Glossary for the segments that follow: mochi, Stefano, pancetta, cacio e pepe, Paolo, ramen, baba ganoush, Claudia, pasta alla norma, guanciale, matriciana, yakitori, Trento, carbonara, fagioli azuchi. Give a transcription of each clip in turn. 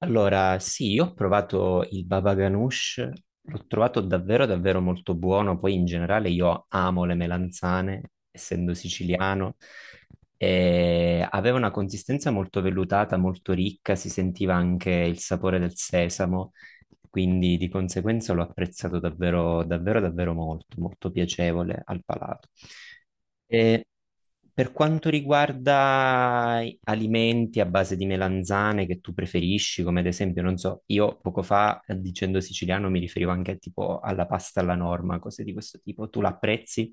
Allora, sì, io ho provato il baba ganoush, l'ho trovato davvero davvero molto buono, poi in generale io amo le melanzane, essendo siciliano, e aveva una consistenza molto vellutata, molto ricca, si sentiva anche il sapore del sesamo, quindi di conseguenza l'ho apprezzato davvero, davvero, davvero molto, molto piacevole al palato. E per quanto riguarda alimenti a base di melanzane che tu preferisci, come ad esempio, non so, io poco fa dicendo siciliano mi riferivo anche tipo alla pasta alla norma, cose di questo tipo, tu l'apprezzi?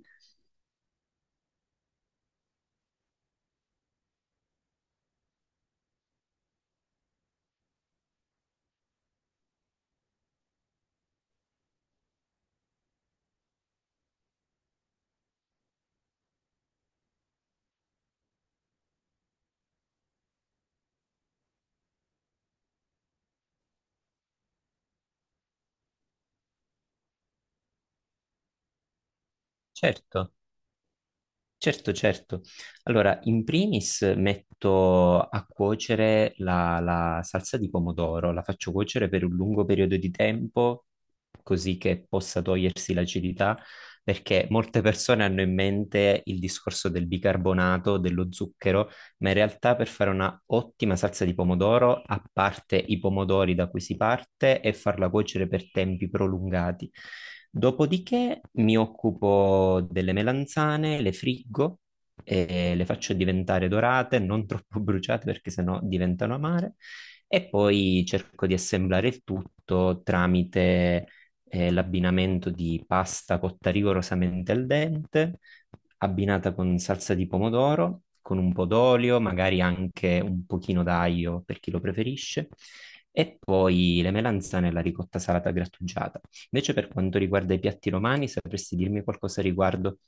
Certo. Certo, certo. Allora, in primis metto a cuocere la salsa di pomodoro, la faccio cuocere per un lungo periodo di tempo così che possa togliersi l'acidità, perché molte persone hanno in mente il discorso del bicarbonato, dello zucchero, ma in realtà per fare una ottima salsa di pomodoro, a parte i pomodori da cui si parte e farla cuocere per tempi prolungati. Dopodiché mi occupo delle melanzane, le friggo e le faccio diventare dorate, non troppo bruciate perché sennò diventano amare. E poi cerco di assemblare il tutto tramite l'abbinamento di pasta cotta rigorosamente al dente, abbinata con salsa di pomodoro, con un po' d'olio, magari anche un pochino d'aglio per chi lo preferisce, e poi le melanzane e la ricotta salata grattugiata. Invece per quanto riguarda i piatti romani, sapresti dirmi qualcosa riguardo.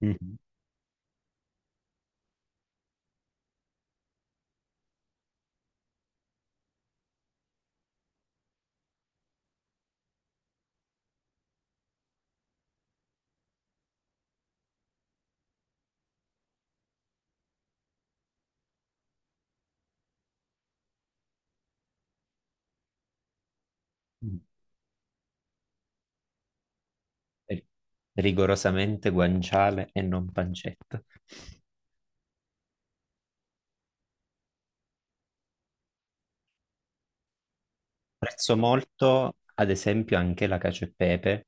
Mhm. eh, Rigorosamente guanciale e non pancetta? Apprezzo molto, ad esempio, anche la cacio e pepe,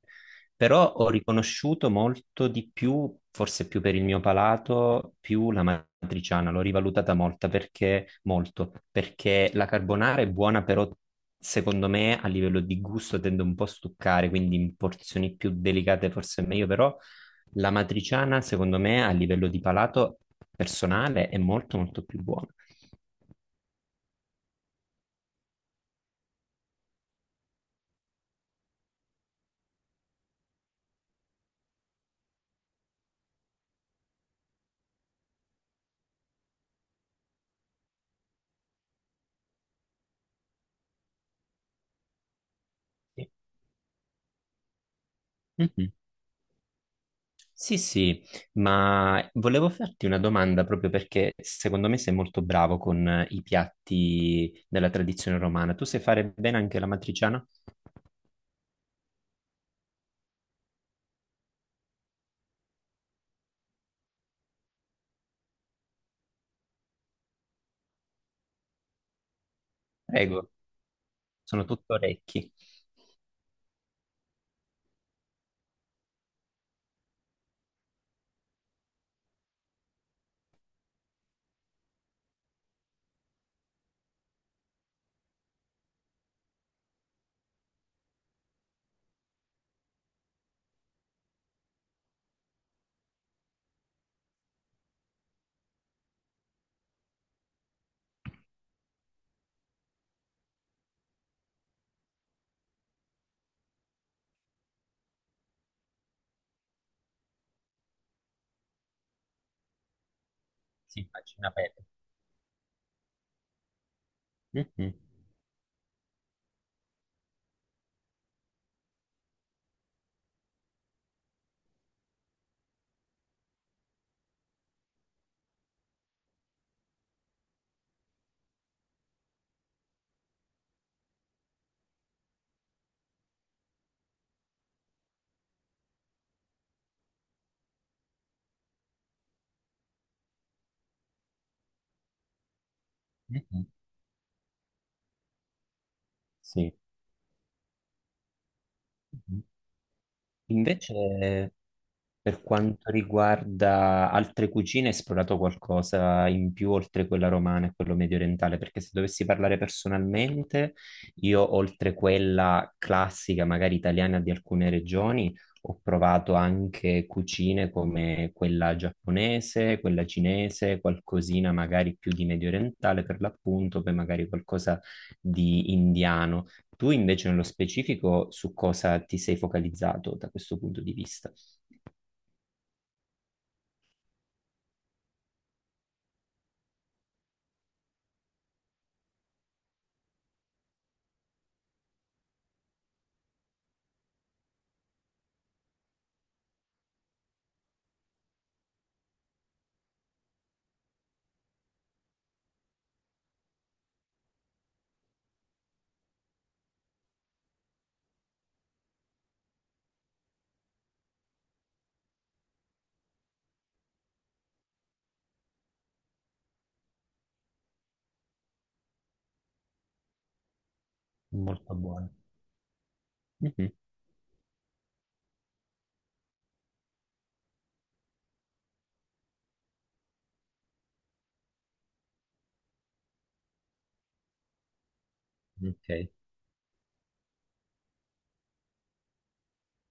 però ho riconosciuto molto di più, forse più per il mio palato, più la matriciana, l'ho rivalutata molta perché, molto, perché la carbonara è buona, però secondo me a livello di gusto tende un po' a stuccare, quindi in porzioni più delicate forse è meglio, però la matriciana, secondo me, a livello di palato personale è molto molto più buona. Sì. Mhm. Sì, sì, ma volevo farti una domanda proprio perché secondo me sei molto bravo con i piatti della tradizione romana. Tu sai fare bene anche la matriciana? Prego, sono tutto orecchi. Sì, immagina bene. Mhm, mhm. Sì. Mhm. Invece Per quanto riguarda altre cucine, hai esplorato qualcosa in più oltre quella romana e quello mediorientale? Perché se dovessi parlare personalmente, io oltre quella classica, magari italiana di alcune regioni, ho provato anche cucine come quella giapponese, quella cinese, qualcosina magari più di mediorientale per l'appunto, poi magari qualcosa di indiano. Tu invece nello specifico su cosa ti sei focalizzato da questo punto di vista? Molto buone. Mhm. Ok.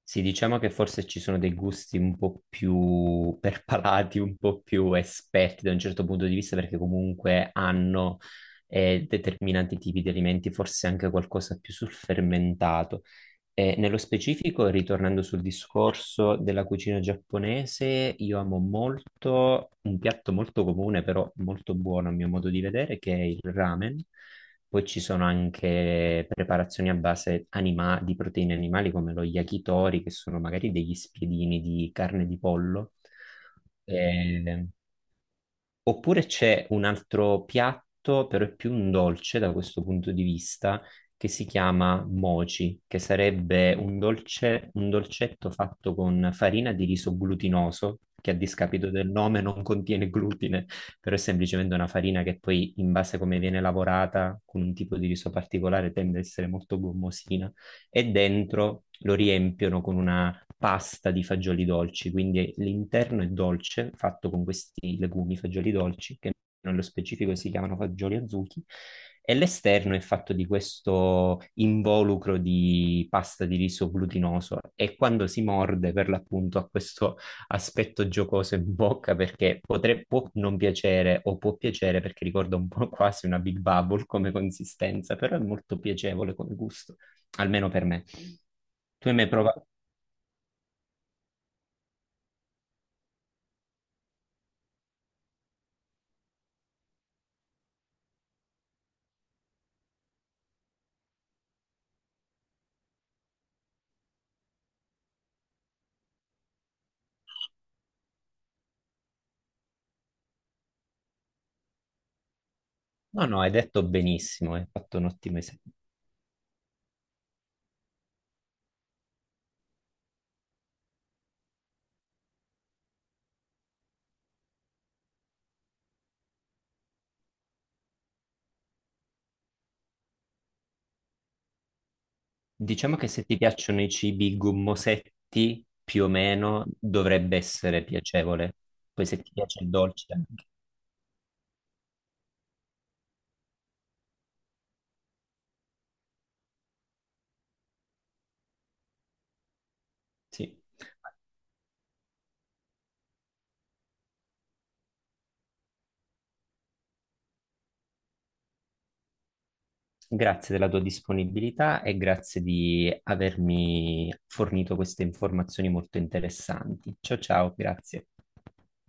Sì, diciamo che forse ci sono dei gusti un po' più perpalati, un po' più esperti da un certo punto di vista, perché comunque hanno determinati tipi di alimenti, forse anche qualcosa più sul fermentato. Nello specifico, ritornando sul discorso della cucina giapponese, io amo molto un piatto molto comune, però molto buono a mio modo di vedere, che è il ramen. Poi ci sono anche preparazioni a base di proteine animali come lo yakitori, che sono magari degli spiedini di carne di pollo. Ehm, Oppure c'è un altro piatto, però è più un dolce da questo punto di vista, che si chiama mochi, che sarebbe un un dolcetto fatto con farina di riso glutinoso, che a discapito del nome non contiene glutine, però è semplicemente una farina che poi, in base a come viene lavorata, con un tipo di riso particolare, tende ad essere molto gommosina, e dentro lo riempiono con una pasta di fagioli dolci, quindi l'interno è dolce, fatto con questi legumi fagioli dolci, che nello specifico si chiamano fagioli azuchi, e l'esterno è fatto di questo involucro di pasta di riso glutinoso e quando si morde per l'appunto ha questo aspetto giocoso in bocca perché può non piacere o può piacere perché ricorda un po' quasi una Big Bubble come consistenza, però è molto piacevole come gusto, almeno per me. Tu hai mai provato? No, no, hai detto benissimo, hai fatto un ottimo esempio. Diciamo che se ti piacciono i cibi gommosetti, più o meno dovrebbe essere piacevole. Poi se ti piace il dolce, anche. Sì. Grazie della tua disponibilità e grazie di avermi fornito queste informazioni molto interessanti. Ciao ciao, grazie.